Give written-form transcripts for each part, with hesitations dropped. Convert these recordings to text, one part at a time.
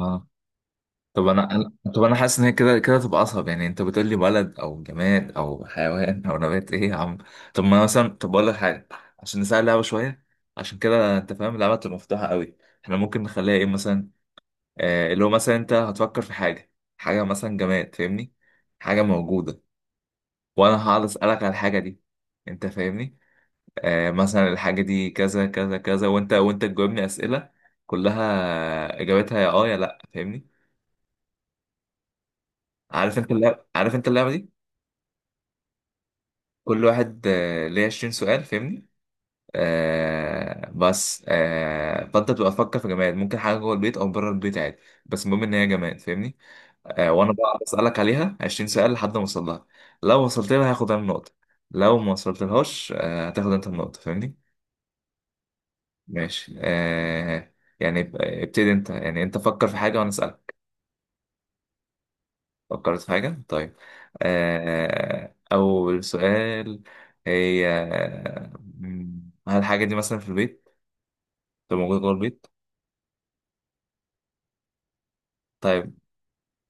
اه طب طب انا حاسس ان هي كده كده تبقى اصعب، يعني انت بتقول لي بلد او جماد او حيوان او نبات، ايه يا عم؟ طب ما أنا مثلا، طب اقول لك حاجه عشان نسال اللعبه شويه، عشان كده انت فاهم اللعبه تبقى مفتوحه قوي. احنا ممكن نخليها ايه مثلا؟ اللي هو مثلا انت هتفكر في حاجه، حاجه مثلا جماد فاهمني، حاجه موجوده، وانا هقعد اسالك على الحاجه دي. انت فاهمني؟ مثلا الحاجه دي كذا كذا كذا، وانت تجاوبني اسئله كلها اجابتها يا يا لا، فاهمني؟ عارف انت اللعبه دي، كل واحد ليه 20 سؤال فاهمني. بس فانت بتبقى تفكر في جماد، ممكن حاجه جوه البيت او بره البيت عادي، بس المهم ان هي جماد فاهمني. وانا بقى بسالك عليها 20 سؤال لحد ما اوصل لها. لو وصلت لها هاخد انا النقطه، لو ما وصلت لهاش هتاخد انت النقطه فاهمني. ماشي يعني ابتدي انت، يعني انت فكر في حاجه وانا اسالك. فكرت في حاجة؟ طيب. أول سؤال. هي هل الحاجة دي مثلا في البيت؟ طب موجودة جوه البيت؟ طيب.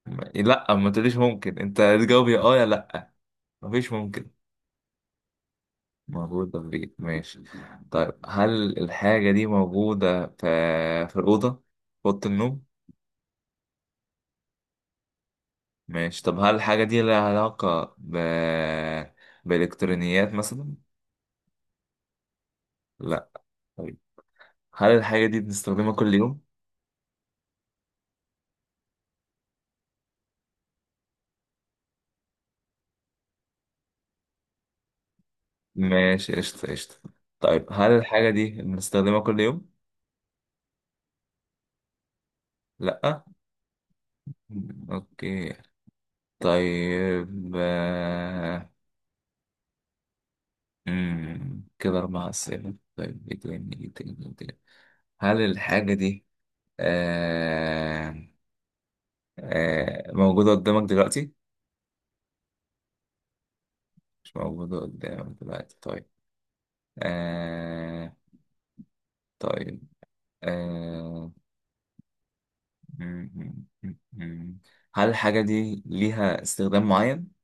لا، ما تقوليش ممكن، أنت تجاوب يا يا لأ، مفيش ممكن. موجودة في البيت ماشي. طيب هل الحاجة دي موجودة في الأوضة؟ في أوضة النوم؟ ماشي. طب هل الحاجة دي لها علاقة ب بإلكترونيات مثلا؟ لأ، طيب. هل الحاجة دي بنستخدمها كل يوم؟ ماشي قشطة قشطة. طيب هل الحاجة دي بنستخدمها كل يوم؟ لأ، أوكي. طيب كده أربع أسئلة. طيب إيه تاني إيه تاني إيه تاني، هل الحاجة دي آه موجودة قدامك دلوقتي؟ مش موجودة قدامك دلوقتي طيب. آه طيب آه مم، مم، مم، مم. هل الحاجة دي ليها استخدام معين؟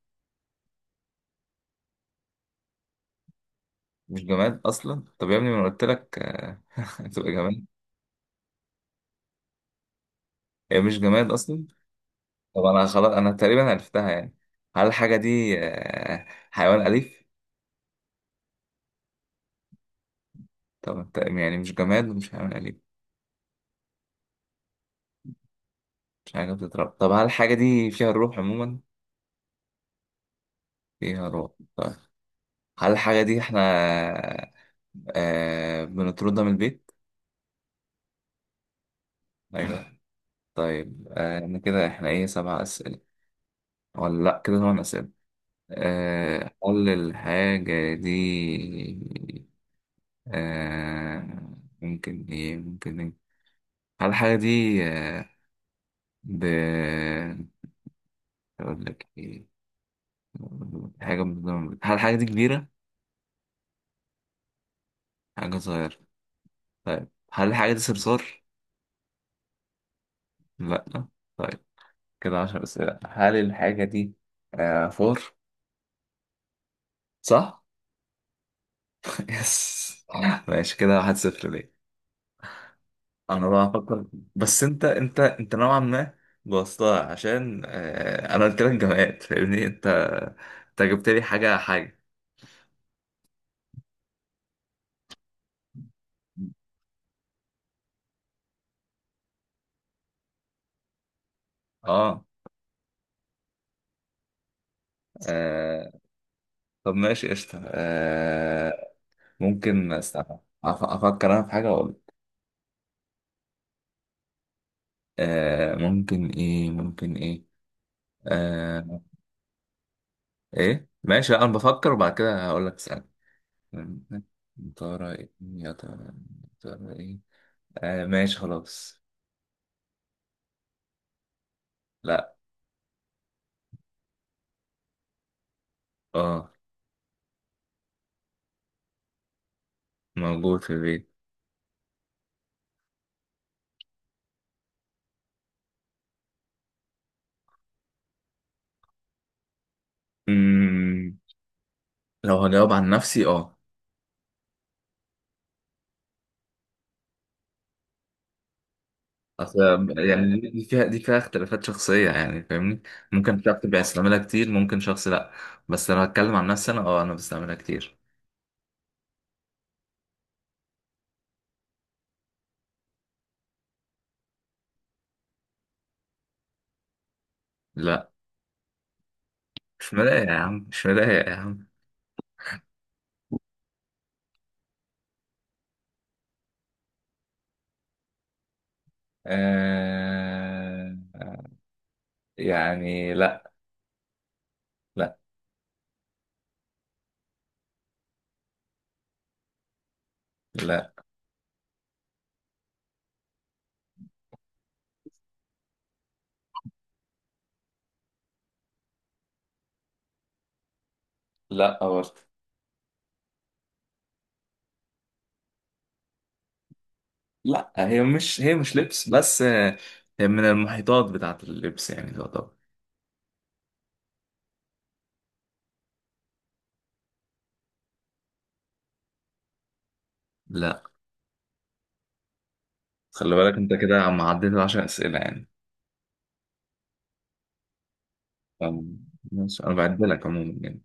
مش جماد اصلا؟ طب يا ابني، ما أنا قلت لك هتبقى جماد. هي مش جماد اصلا. طب انا خلاص انا تقريبا عرفتها يعني. هل الحاجه دي حيوان اليف؟ طب يعني مش جماد ومش حيوان اليف؟ مش حاجه بتتربى. طب هل الحاجه دي فيها الروح عموما؟ فيها روح طيب. هل الحاجه دي احنا بنطردها من البيت؟ ايوه طيب. انا كده احنا ايه سبع اسئله ولا لا كده ثمان اسئله. قول الحاجة دي آه ممكن ايه ممكن ايه. هل الحاجة دي آه ب اقول لك ايه، هل الحاجة دي كبيرة؟ حاجة صغيرة طيب. هل الحاجة دي صرصار؟ لا، طيب. كده عشر أسئلة. هل الحاجة دي فور؟ صح؟ يس، ماشي كده واحد صفر ليه. انا بقى افكر، بس انت نوعا ما بوظتها، عشان انا قلت لك جماد فاهمني، انت انت جبت لي حاجة حاجة. اه آه، طب ماشي قشطة ممكن أفكر أنا في حاجة أقول. ممكن إيه ممكن إيه آه، إيه ماشي لأ، أنا بفكر وبعد كده هقول لك اسأل. يا ترى إيه يا ترى، يا ترى إيه ماشي خلاص. لأ. أه موجود في البيت. مم، لو هجاوب عن نفسي أه أصل، يعني دي فيها اختلافات شخصية يعني فاهمني، ممكن شخص بيستعملها كتير ممكن شخص لأ. بس أنا بتكلم عن نفسي، أنا أه أنا بستعملها كتير. لأ، مش مضايق يا عم، مش مضايق يا عم. آه يعني لأ. لأ. لأ. لأ برضه. لأ، هي مش لبس بس هي من المحيطات بتاعة اللبس يعني تعتبر. لأ. خلي بالك أنت كده عم عديت 10 أسئلة يعني. فم- ماشي، أنا بعدلك عموما يعني.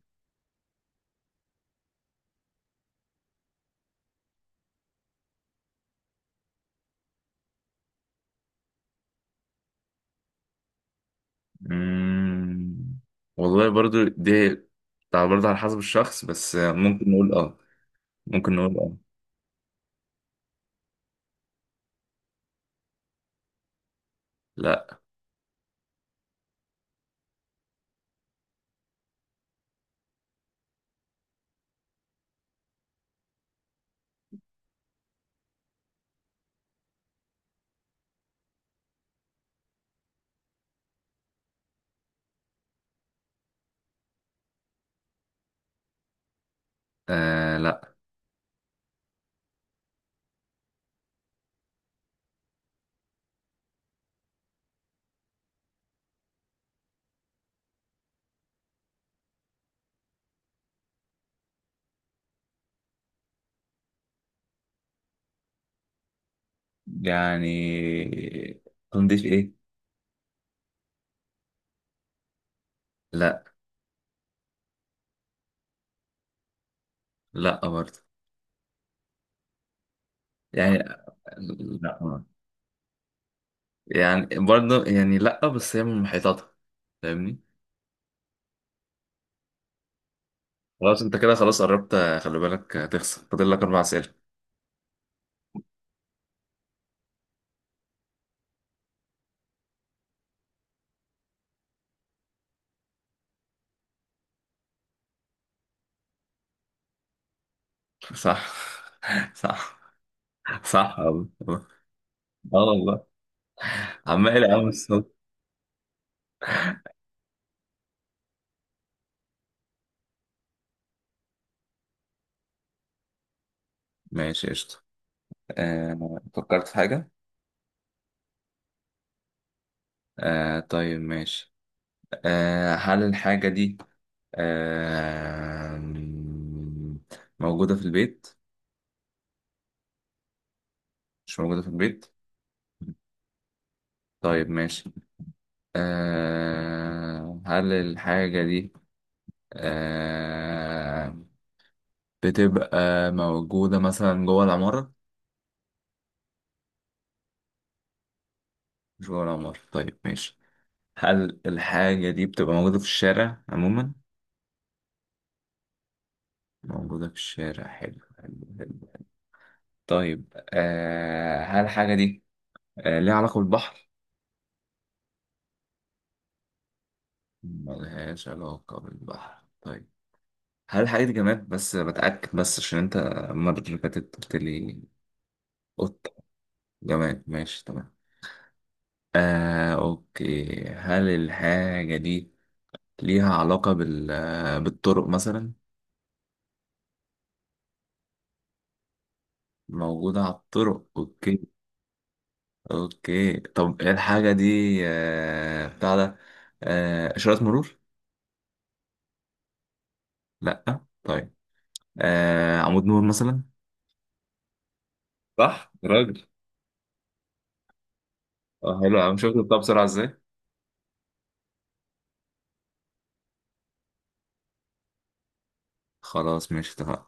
مم. والله برضو دي بتاع برضو على حسب الشخص، بس ممكن نقول اه، ممكن نقول اه. لا. لا. يعني تنضيف ايه؟ لا. لا برضو يعني. لا يعني برضو يعني لا، بس هي من محيطاتها فاهمني. خلاص انت كده خلاص قربت، خلي بالك هتخسر، فاضل لك اربع اسئله. صح صح، صح والله، اه والله، عمال يا عم الصوت. ماشي قشطة. فكرت في حاجة. طيب ماشي. هل الحاجة دي آه موجودة في البيت؟ مش موجودة في البيت؟ طيب ماشي. هل الحاجة دي آه بتبقى موجودة مثلا جوه العمارة؟ مش جوه العمارة طيب ماشي. هل الحاجة دي بتبقى موجودة في الشارع عموما؟ موجودة في الشارع، حلو حلو حلو. طيب هل الحاجة دي ليها علاقة بالبحر؟ ملهاش علاقة بالبحر طيب. هل الحاجة دي جماد؟ بس بتأكد، بس عشان أنت المرة اللي فاتت قلت لي قطة. جماد ماشي تمام. أوكي، هل الحاجة دي ليها علاقة بالطرق مثلا؟ موجودة على الطرق أوكي. أوكي طب الحاجة دي آه بتاع ده آه إشارات مرور؟ لأ، طيب. عمود نور مثلا؟ صح يا راجل. اه حلو، أنا مش شفت بتاع بسرعة إزاي. خلاص ماشي اتفقنا